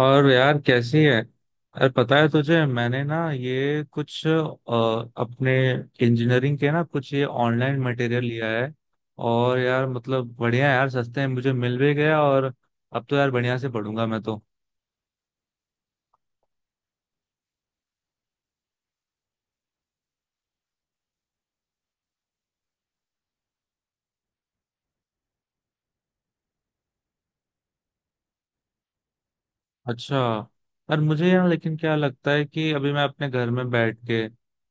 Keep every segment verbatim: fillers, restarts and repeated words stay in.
और यार कैसी है। अरे पता है तुझे, मैंने ना ये कुछ अ, अपने इंजीनियरिंग के ना कुछ ये ऑनलाइन मटेरियल लिया है। और यार मतलब बढ़िया है यार, सस्ते में मुझे मिल भी गया और अब तो यार बढ़िया से पढ़ूंगा मैं तो। अच्छा। और मुझे यार लेकिन क्या लगता है कि अभी मैं अपने घर में बैठ के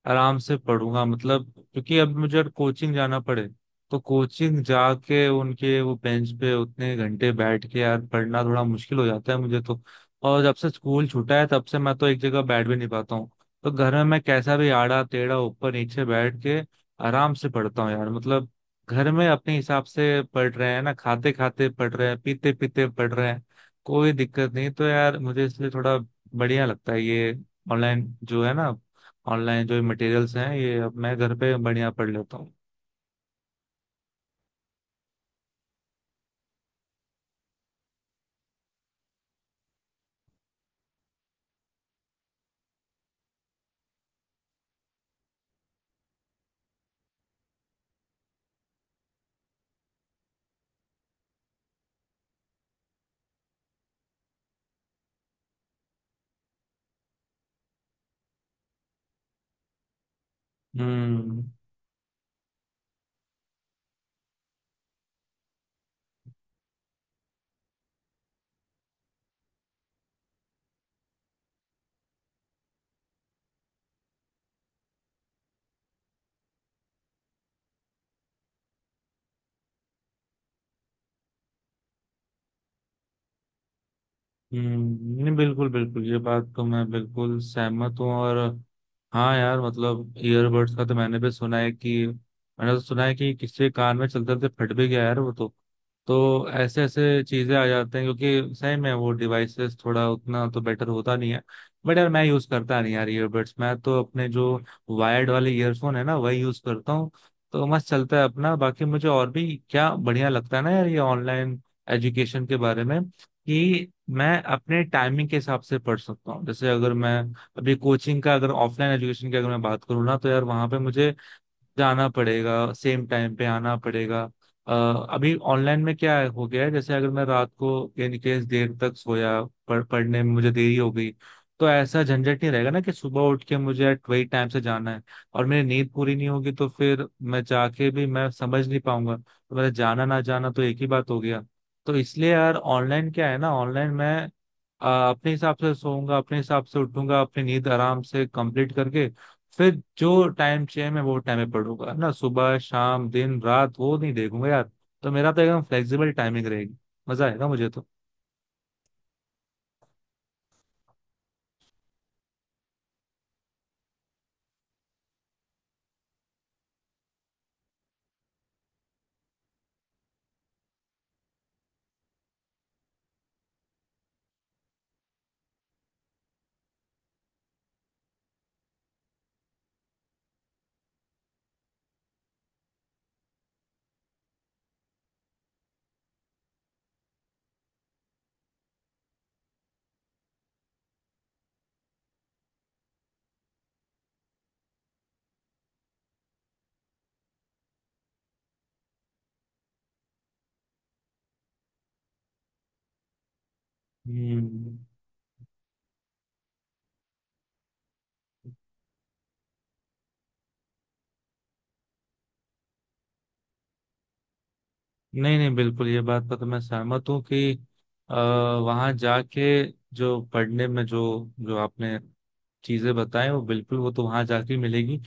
आराम से पढ़ूंगा, मतलब क्योंकि अब मुझे अगर कोचिंग जाना पड़े तो कोचिंग जाके उनके वो बेंच पे उतने घंटे बैठ के यार पढ़ना थोड़ा मुश्किल हो जाता है मुझे तो। और जब से स्कूल छूटा है तब से मैं तो एक जगह बैठ भी नहीं पाता हूँ। तो घर में मैं कैसा भी आड़ा टेढ़ा ऊपर नीचे बैठ के आराम से पढ़ता हूँ यार, मतलब घर में अपने हिसाब से पढ़ रहे हैं ना, खाते खाते पढ़ रहे हैं, पीते पीते पढ़ रहे हैं, कोई दिक्कत नहीं। तो यार मुझे इसलिए थोड़ा बढ़िया लगता है ये ऑनलाइन जो है ना, ऑनलाइन जो मटेरियल्स हैं ये, अब मैं घर पे बढ़िया पढ़ लेता हूँ। हम्म। हम्म, नहीं बिल्कुल बिल्कुल, ये बात तो मैं बिल्कुल सहमत हूँ। और हाँ यार मतलब ईयरबड्स का तो मैंने भी सुना है कि, मैंने तो सुना है कि किसी कान में चलते चलते फट भी गया यार वो तो। तो ऐसे ऐसे चीजें आ जाते हैं क्योंकि सही में वो डिवाइसेस थोड़ा उतना तो बेटर होता नहीं है। बट यार मैं यूज करता नहीं यार ईयरबड्स, मैं तो अपने जो वायर्ड वाले ईयरफोन है ना वही यूज करता हूँ। तो मस्त चलता है अपना। बाकी मुझे और भी क्या बढ़िया लगता है ना यार ये ऑनलाइन एजुकेशन के बारे में, कि मैं अपने टाइमिंग के हिसाब से पढ़ सकता हूँ। जैसे अगर मैं अभी कोचिंग का, अगर ऑफलाइन एजुकेशन की अगर मैं बात करूँ ना, तो यार वहां पे मुझे जाना पड़ेगा, सेम टाइम पे आना पड़ेगा। अ, अभी ऑनलाइन में क्या है- हो गया है, जैसे अगर मैं रात को इन केस देर तक सोया, पढ़ पढ़ने में मुझे देरी हो गई तो ऐसा झंझट नहीं रहेगा ना कि सुबह उठ के मुझे at वही टाइम से जाना है, और मेरी नींद पूरी नहीं होगी तो फिर मैं जाके भी मैं समझ नहीं पाऊंगा, तो मेरा जाना ना जाना तो एक ही बात हो गया। तो इसलिए यार ऑनलाइन क्या है ना, ऑनलाइन मैं अ, अपने हिसाब से सोऊंगा, अपने हिसाब से उठूंगा, अपनी नींद आराम से कंप्लीट करके फिर जो टाइम चाहिए मैं वो टाइम पे पढ़ूंगा, है ना। सुबह शाम दिन रात वो नहीं देखूंगा यार। तो मेरा तो एकदम फ्लेक्सिबल टाइमिंग रहेगी। मजा आएगा मुझे तो। हम्म, नहीं नहीं बिल्कुल, ये बात पर तो मैं सहमत हूँ कि आ, वहां जाके जो पढ़ने में जो जो आपने चीजें बताएं वो बिल्कुल, वो तो वहां जाके ही मिलेगी।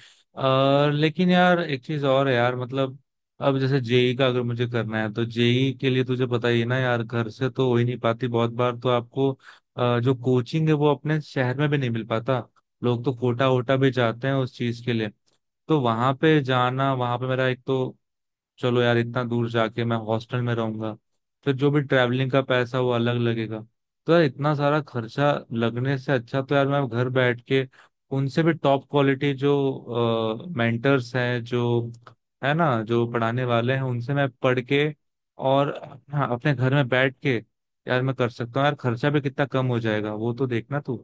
और लेकिन यार एक चीज और है यार, मतलब अब जैसे जेई का अगर मुझे करना है तो जेई के लिए तुझे पता ही है ना यार, घर से तो हो ही नहीं पाती बहुत बार, तो आपको अ, जो कोचिंग है वो अपने शहर में भी नहीं मिल पाता। लोग तो कोटा वोटा भी जाते हैं उस चीज के लिए। तो वहां पे जाना, वहां पे मेरा एक तो, चलो यार इतना दूर जाके मैं हॉस्टल में रहूंगा, फिर जो भी ट्रैवलिंग का पैसा वो अलग लगेगा। तो यार इतना सारा खर्चा लगने से अच्छा तो यार मैं घर बैठ के उनसे भी टॉप क्वालिटी जो मेंटर्स हैं जो, है ना, जो पढ़ाने वाले हैं उनसे मैं पढ़ के, और हाँ अपने घर में बैठ के यार मैं कर सकता हूँ यार। खर्चा भी कितना कम हो जाएगा वो तो देखना तू।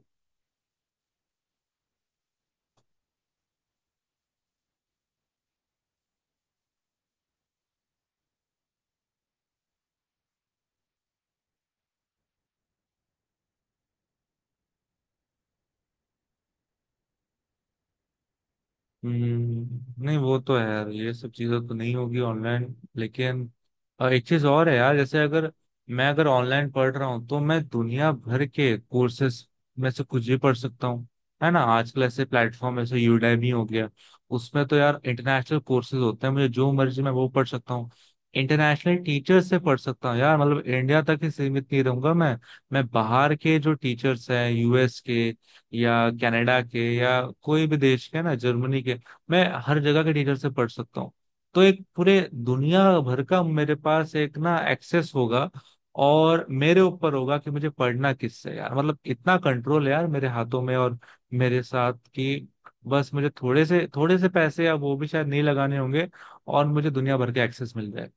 हम्म, नहीं वो तो है यार, ये सब चीजें तो नहीं होगी ऑनलाइन लेकिन अ, एक चीज और है यार, जैसे अगर मैं, अगर ऑनलाइन पढ़ रहा हूँ तो मैं दुनिया भर के कोर्सेस में से कुछ भी पढ़ सकता हूँ। है ना, आजकल ऐसे प्लेटफॉर्म, ऐसे यूडेमी हो गया, उसमें तो यार इंटरनेशनल कोर्सेज होते हैं, मुझे जो मर्जी मैं वो पढ़ सकता हूँ। इंटरनेशनल टीचर से पढ़ सकता हूँ यार, मतलब इंडिया तक ही सीमित नहीं रहूंगा मैं। मैं बाहर के जो टीचर्स हैं, यूएस के या कनाडा के या कोई भी देश के ना, जर्मनी के, मैं हर जगह के टीचर से पढ़ सकता हूँ। तो एक पूरे दुनिया भर का मेरे पास एक ना एक्सेस होगा। और मेरे ऊपर होगा कि मुझे पढ़ना किससे है यार, मतलब इतना कंट्रोल है यार मेरे हाथों में और मेरे साथ कि बस मुझे थोड़े से थोड़े से पैसे या वो भी शायद नहीं लगाने होंगे और मुझे दुनिया भर के एक्सेस मिल जाए।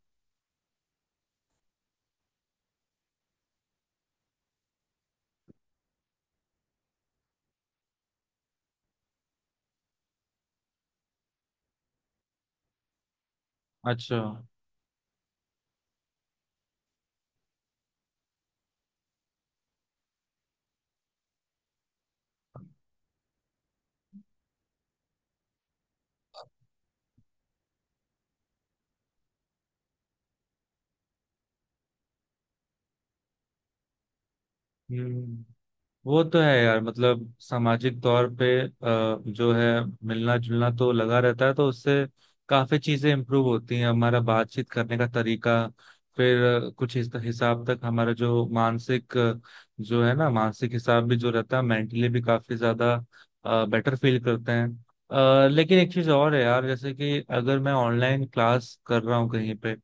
अच्छा। हम्म, वो तो है यार, मतलब सामाजिक तौर पे अ, जो है मिलना जुलना तो लगा रहता है, तो उससे काफी चीजें इम्प्रूव होती हैं, हमारा बातचीत करने का तरीका, फिर अ, कुछ हिस- हिसाब तक हमारा जो मानसिक अ, जो है ना मानसिक हिसाब भी जो रहता है, मेंटली भी काफी ज्यादा बेटर फील करते हैं। अ, लेकिन एक चीज और है यार, जैसे कि अगर मैं ऑनलाइन क्लास कर रहा हूँ कहीं पे,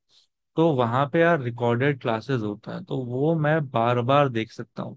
तो वहां पे यार रिकॉर्डेड क्लासेस होता है, तो वो मैं बार बार देख सकता हूँ।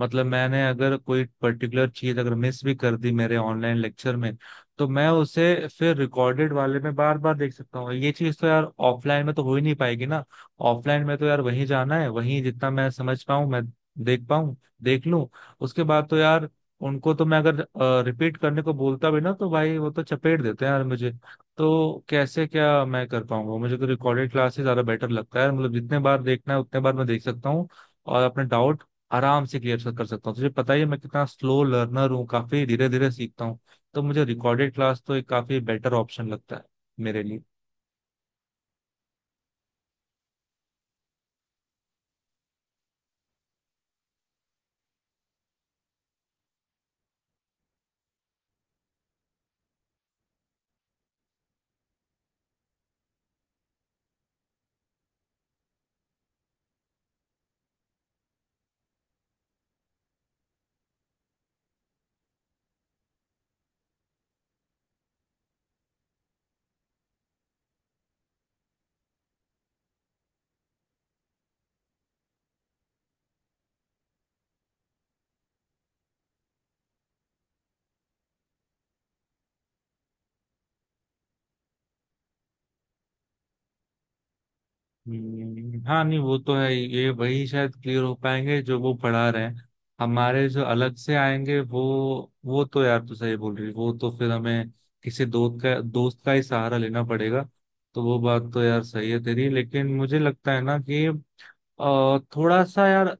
मतलब मैंने अगर कोई पर्टिकुलर चीज अगर मिस भी कर दी मेरे ऑनलाइन लेक्चर में, तो मैं उसे फिर रिकॉर्डेड वाले में बार बार देख सकता हूँ। ये चीज तो यार ऑफलाइन में तो हो ही नहीं पाएगी ना। ऑफलाइन में तो यार वहीं जाना है, वहीं जितना मैं समझ पाऊँ मैं देख पाऊँ देख लूँ, उसके बाद तो यार उनको तो मैं अगर रिपीट करने को बोलता भी ना तो भाई वो तो चपेट देते हैं यार मुझे। तो कैसे क्या मैं कर पाऊंगा। मुझे तो रिकॉर्डेड क्लास ही ज्यादा बेटर लगता है, मतलब जितने बार देखना है उतने बार मैं देख सकता हूँ और अपने डाउट आराम से क्लियर कर सकता हूँ। तुझे पता ही है मैं कितना स्लो लर्नर हूँ, काफी धीरे धीरे सीखता हूँ। तो मुझे रिकॉर्डेड क्लास तो एक काफी बेटर ऑप्शन लगता है मेरे लिए। हम्म, हाँ नहीं वो तो है, ये वही शायद क्लियर हो पाएंगे जो वो पढ़ा रहे हैं, हमारे जो अलग से आएंगे वो वो तो यार तू सही बोल रही है, वो तो फिर हमें किसी दोस्त का दोस्त का ही सहारा लेना पड़ेगा। तो वो बात तो यार सही है तेरी, लेकिन मुझे लगता है ना कि अ, थोड़ा सा यार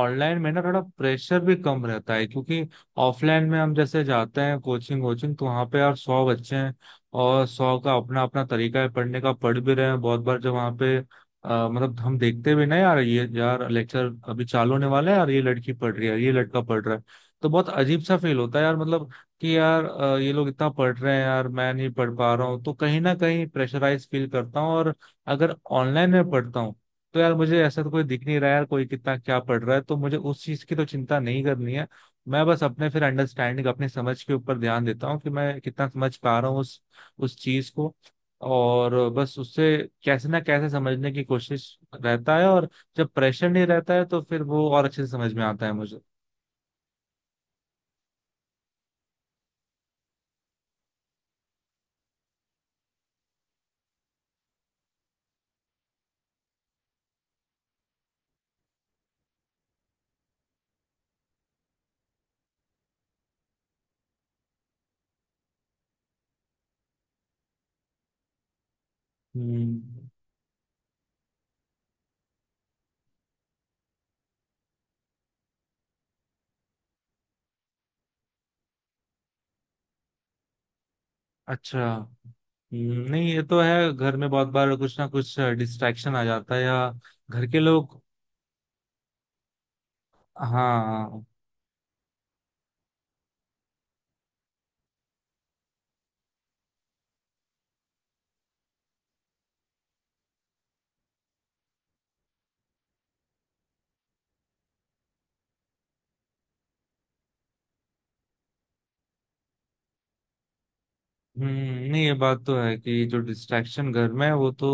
ऑनलाइन में ना थोड़ा प्रेशर भी कम रहता है क्योंकि ऑफलाइन में हम जैसे जाते हैं कोचिंग कोचिंग, तो वहाँ पे यार सौ बच्चे हैं और सौ का अपना अपना तरीका है पढ़ने का, पढ़ भी रहे हैं बहुत बार। जब वहाँ पे अ, मतलब हम देखते भी ना यार, ये यार लेक्चर अभी चालू होने वाला है यार, ये लड़की पढ़ रही है, ये लड़का पढ़ रहा है, तो बहुत अजीब सा फील होता है यार। मतलब कि यार अ, ये लोग इतना पढ़ रहे हैं यार, मैं नहीं पढ़ पा रहा हूँ, तो कहीं ना कहीं प्रेशराइज फील करता हूँ। और अगर ऑनलाइन में पढ़ता हूँ तो यार मुझे ऐसा तो कोई दिख नहीं रहा है यार कोई कितना क्या पढ़ रहा है, तो मुझे उस चीज की तो चिंता नहीं करनी है। मैं बस अपने फिर अंडरस्टैंडिंग, अपनी समझ के ऊपर ध्यान देता हूँ कि मैं कितना समझ पा रहा हूँ उस उस चीज को, और बस उससे कैसे ना कैसे समझने की कोशिश रहता है। और जब प्रेशर नहीं रहता है तो फिर वो और अच्छे से समझ में आता है मुझे। हम्म। अच्छा। हम्म, नहीं ये तो है, घर में बहुत बार कुछ ना कुछ डिस्ट्रैक्शन आ जाता है या घर के लोग। हाँ। हम्म, नहीं ये बात तो है कि जो डिस्ट्रैक्शन घर में है वो तो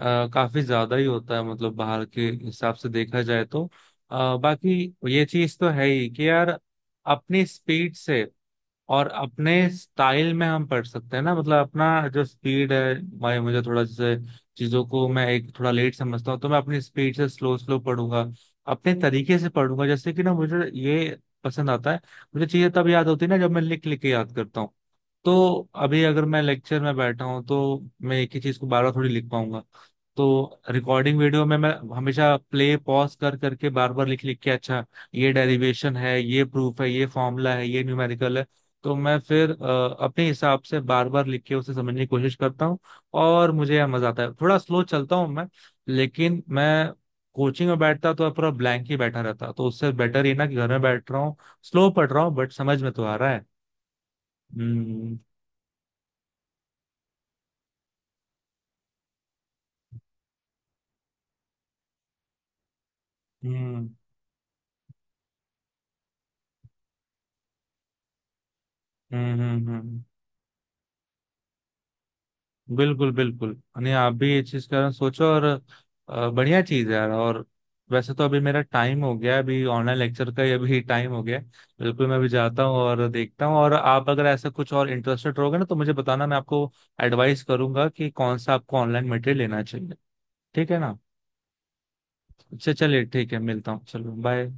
आ, काफी ज्यादा ही होता है, मतलब बाहर के हिसाब से देखा जाए तो। आ, बाकी ये चीज तो है ही कि यार अपनी स्पीड से और अपने स्टाइल में हम पढ़ सकते हैं ना। मतलब अपना जो स्पीड है, मैं, मुझे थोड़ा जैसे चीजों को मैं एक थोड़ा लेट समझता हूँ, तो मैं अपनी स्पीड से स्लो स्लो पढ़ूंगा, अपने तरीके से पढ़ूंगा, जैसे कि ना मुझे ये पसंद आता है। मुझे चीजें तब याद होती है ना जब मैं लिख लिख के याद करता हूँ। तो अभी अगर मैं लेक्चर में बैठा हूँ तो मैं एक ही चीज को बार बार थोड़ी लिख पाऊंगा। तो रिकॉर्डिंग वीडियो में मैं हमेशा प्ले पॉज कर करके बार बार लिख लिख के, अच्छा ये डेरिवेशन है, ये प्रूफ है, ये फॉर्मूला है, ये न्यूमेरिकल है, तो मैं फिर अ, अपने हिसाब से बार बार लिख के उसे समझने की कोशिश करता हूँ। और मुझे यह मजा आता है, थोड़ा स्लो चलता हूँ मैं, लेकिन मैं कोचिंग में बैठता तो पूरा ब्लैंक ही बैठा रहता, तो उससे बेटर ये ना कि घर में बैठ रहा हूँ, स्लो पढ़ रहा हूँ बट समझ में तो आ रहा है। हम्म हम्म हम्म हम्म हम्म। बिल्कुल बिल्कुल, नहीं आप भी ये चीज का सोचो और अ, बढ़िया चीज है यार। और वैसे तो अभी मेरा टाइम हो गया है, अभी ऑनलाइन लेक्चर का ही अभी टाइम हो गया है। बिल्कुल, मैं अभी जाता हूँ और देखता हूँ, और आप अगर ऐसा कुछ और इंटरेस्टेड रहोगे ना तो मुझे बताना, मैं आपको एडवाइस करूंगा कि कौन सा आपको ऑनलाइन मटेरियल लेना चाहिए, ठीक है ना। अच्छा चलिए ठीक है, मिलता हूँ, चलो बाय।